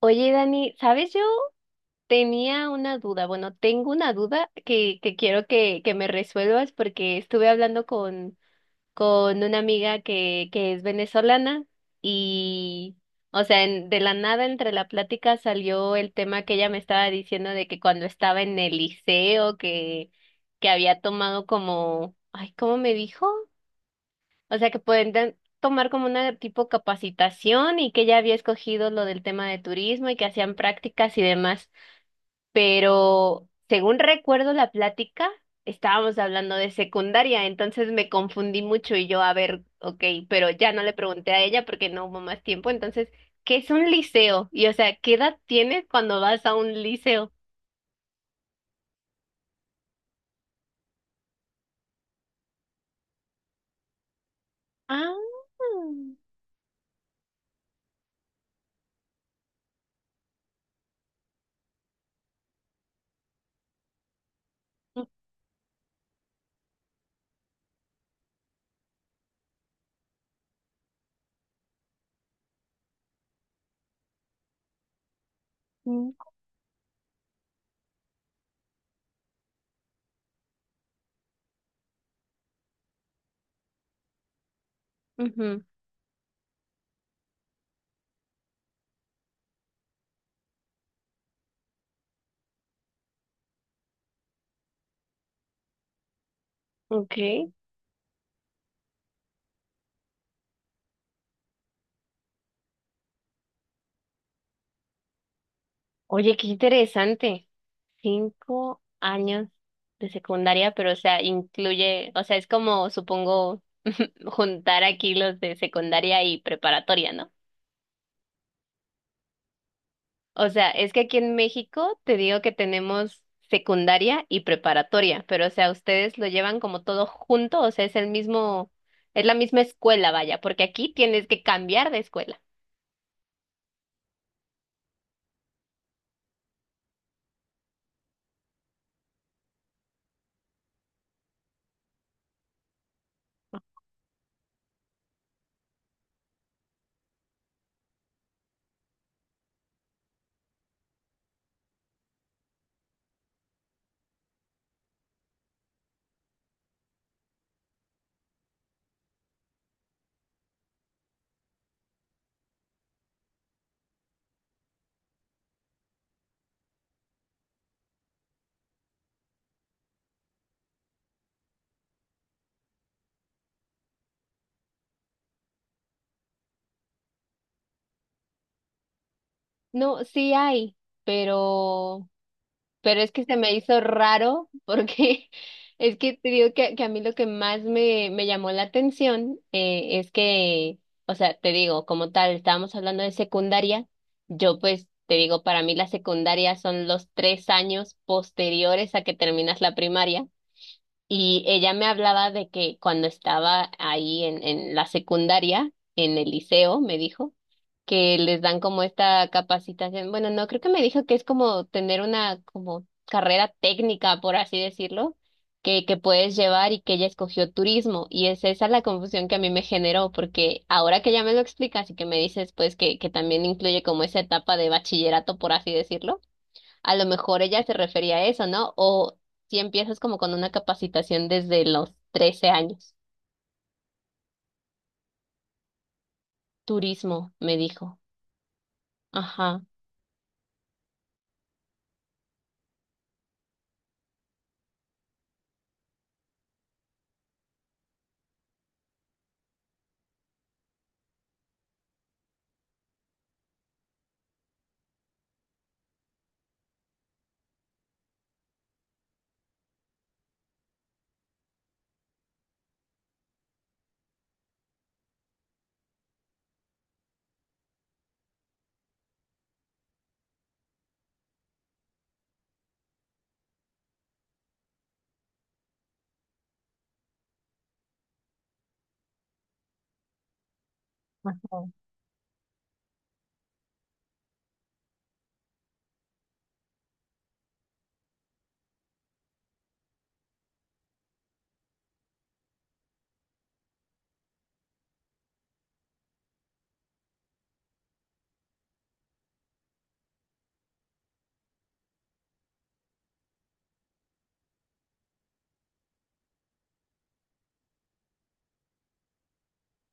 Oye, Dani, ¿sabes? Yo Tenía una duda, bueno, tengo una duda que quiero que me resuelvas porque estuve hablando con una amiga que es venezolana y, de la nada entre la plática salió el tema que ella me estaba diciendo de que cuando estaba en el liceo, que había tomado como, ay, ¿cómo me dijo? O sea, que pueden tomar como una tipo capacitación y que ella había escogido lo del tema de turismo y que hacían prácticas y demás. Pero según recuerdo la plática, estábamos hablando de secundaria, entonces me confundí mucho y yo, a ver, ok, pero ya no le pregunté a ella porque no hubo más tiempo. Entonces, ¿qué es un liceo? Y o sea, ¿qué edad tienes cuando vas a un liceo? Ah, ujú, ujú, ok. Oye, qué interesante. 5 años de secundaria, pero o sea, incluye, o sea, es como, supongo, juntar aquí los de secundaria y preparatoria, ¿no? O sea, es que aquí en México te digo que tenemos secundaria y preparatoria, pero o sea, ustedes lo llevan como todo junto, o sea, es el mismo, es la misma escuela, vaya, porque aquí tienes que cambiar de escuela. No, sí hay, pero... Pero es que se me hizo raro porque es que te digo que a mí lo que más me llamó la atención es que, o sea, te digo, como tal, estábamos hablando de secundaria, yo pues te digo, para mí la secundaria son los 3 años posteriores a que terminas la primaria. Y ella me hablaba de que cuando estaba ahí en la secundaria, en el liceo, me dijo, que les dan como esta capacitación. Bueno, no, creo que me dijo que es como tener una como carrera técnica, por así decirlo, que puedes llevar y que ella escogió turismo. Y es esa la confusión que a mí me generó, porque ahora que ya me lo explicas y que me dices pues que también incluye como esa etapa de bachillerato, por así decirlo, a lo mejor ella se refería a eso, ¿no? O si empiezas como con una capacitación desde los 13 años. Turismo, me dijo. Ajá. Ajá.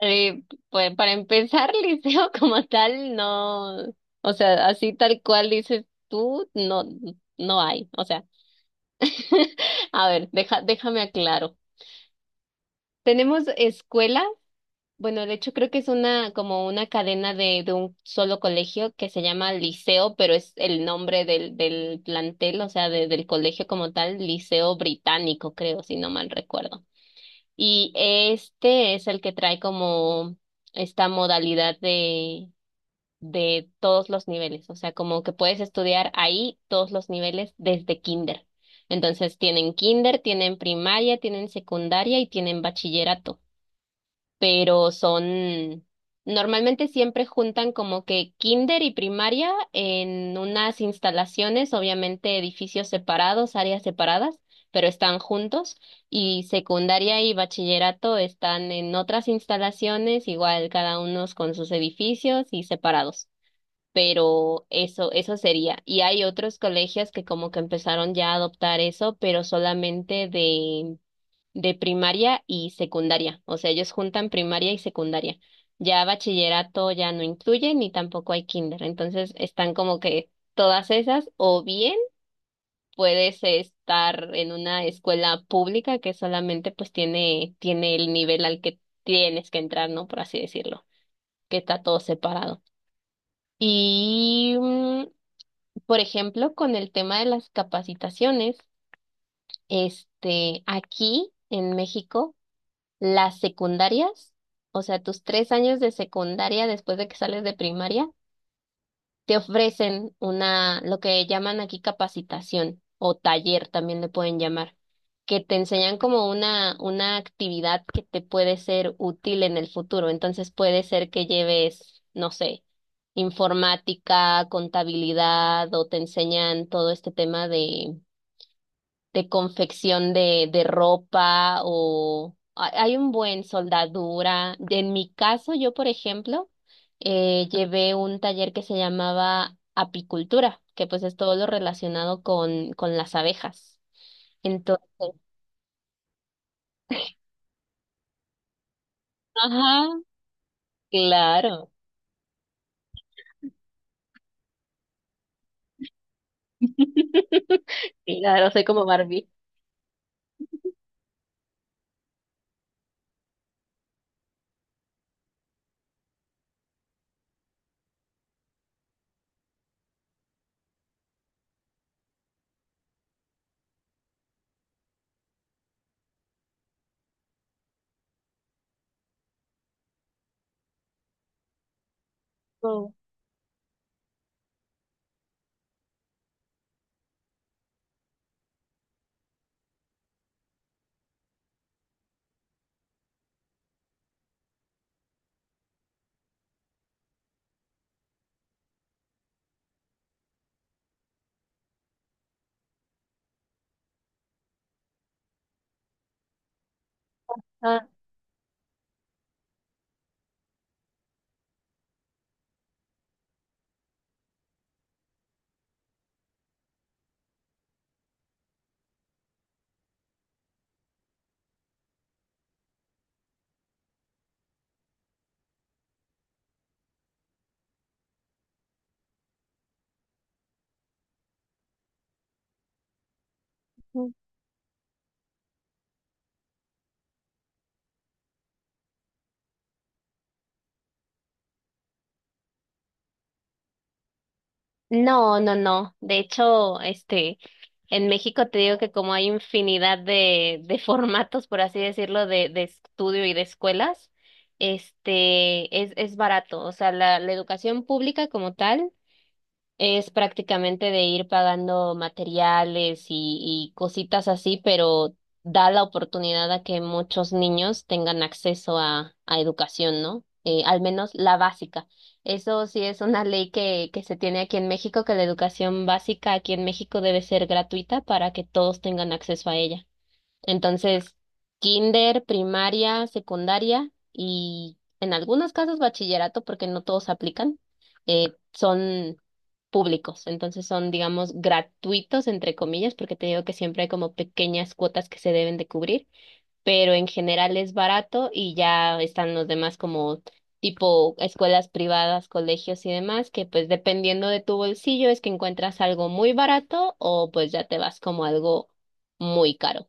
Eh, pues para empezar, liceo como tal, no, o sea, así tal cual dices tú, no, no hay. O sea, a ver, déjame aclaro. Tenemos escuela... Bueno, de hecho creo que es una como una cadena de un solo colegio que se llama Liceo, pero es el nombre del plantel, o sea, del colegio como tal, Liceo Británico, creo, si no mal recuerdo. Y este es el que trae como esta modalidad de todos los niveles, o sea, como que puedes estudiar ahí todos los niveles desde kinder. Entonces tienen kinder, tienen primaria, tienen secundaria y tienen bachillerato, pero son, normalmente siempre juntan como que kinder y primaria en unas instalaciones, obviamente edificios separados, áreas separadas, pero están juntos, y secundaria y bachillerato están en otras instalaciones, igual cada uno con sus edificios y separados. Pero eso sería. Y hay otros colegios que como que empezaron ya a adoptar eso, pero solamente de primaria y secundaria. O sea, ellos juntan primaria y secundaria. Ya bachillerato ya no incluye, ni tampoco hay kinder. Entonces están como que todas esas, o bien puedes estar en una escuela pública que solamente pues tiene el nivel al que tienes que entrar, ¿no? Por así decirlo, que está todo separado. Y, por ejemplo, con el tema de las capacitaciones, este, aquí en México, las secundarias, o sea, tus 3 años de secundaria después de que sales de primaria, te ofrecen una, lo que llaman aquí capacitación o taller también le pueden llamar, que te enseñan como una actividad que te puede ser útil en el futuro. Entonces puede ser que lleves, no sé, informática, contabilidad o te enseñan todo este tema de confección de ropa o hay un buen soldadura. En mi caso, yo, por ejemplo, llevé un taller que se llamaba apicultura, que pues es todo lo relacionado con las abejas. Entonces, ajá, claro. Claro, soy como Barbie. Oh, ah. No, no, no. De hecho, este, en México te digo que como hay infinidad de formatos, por así decirlo, de estudio y de escuelas, este, es barato. O sea, la educación pública como tal. Es prácticamente de ir pagando materiales y cositas así, pero da la oportunidad a que muchos niños tengan acceso a educación, ¿no? Al menos la básica. Eso sí es una ley que se tiene aquí en México, que la educación básica aquí en México debe ser gratuita para que todos tengan acceso a ella. Entonces, kinder, primaria, secundaria y en algunos casos bachillerato, porque no todos aplican, son públicos. Entonces son, digamos, gratuitos, entre comillas, porque te digo que siempre hay como pequeñas cuotas que se deben de cubrir, pero en general es barato y ya están los demás como tipo escuelas privadas, colegios y demás, que pues dependiendo de tu bolsillo es que encuentras algo muy barato o pues ya te vas como algo muy caro.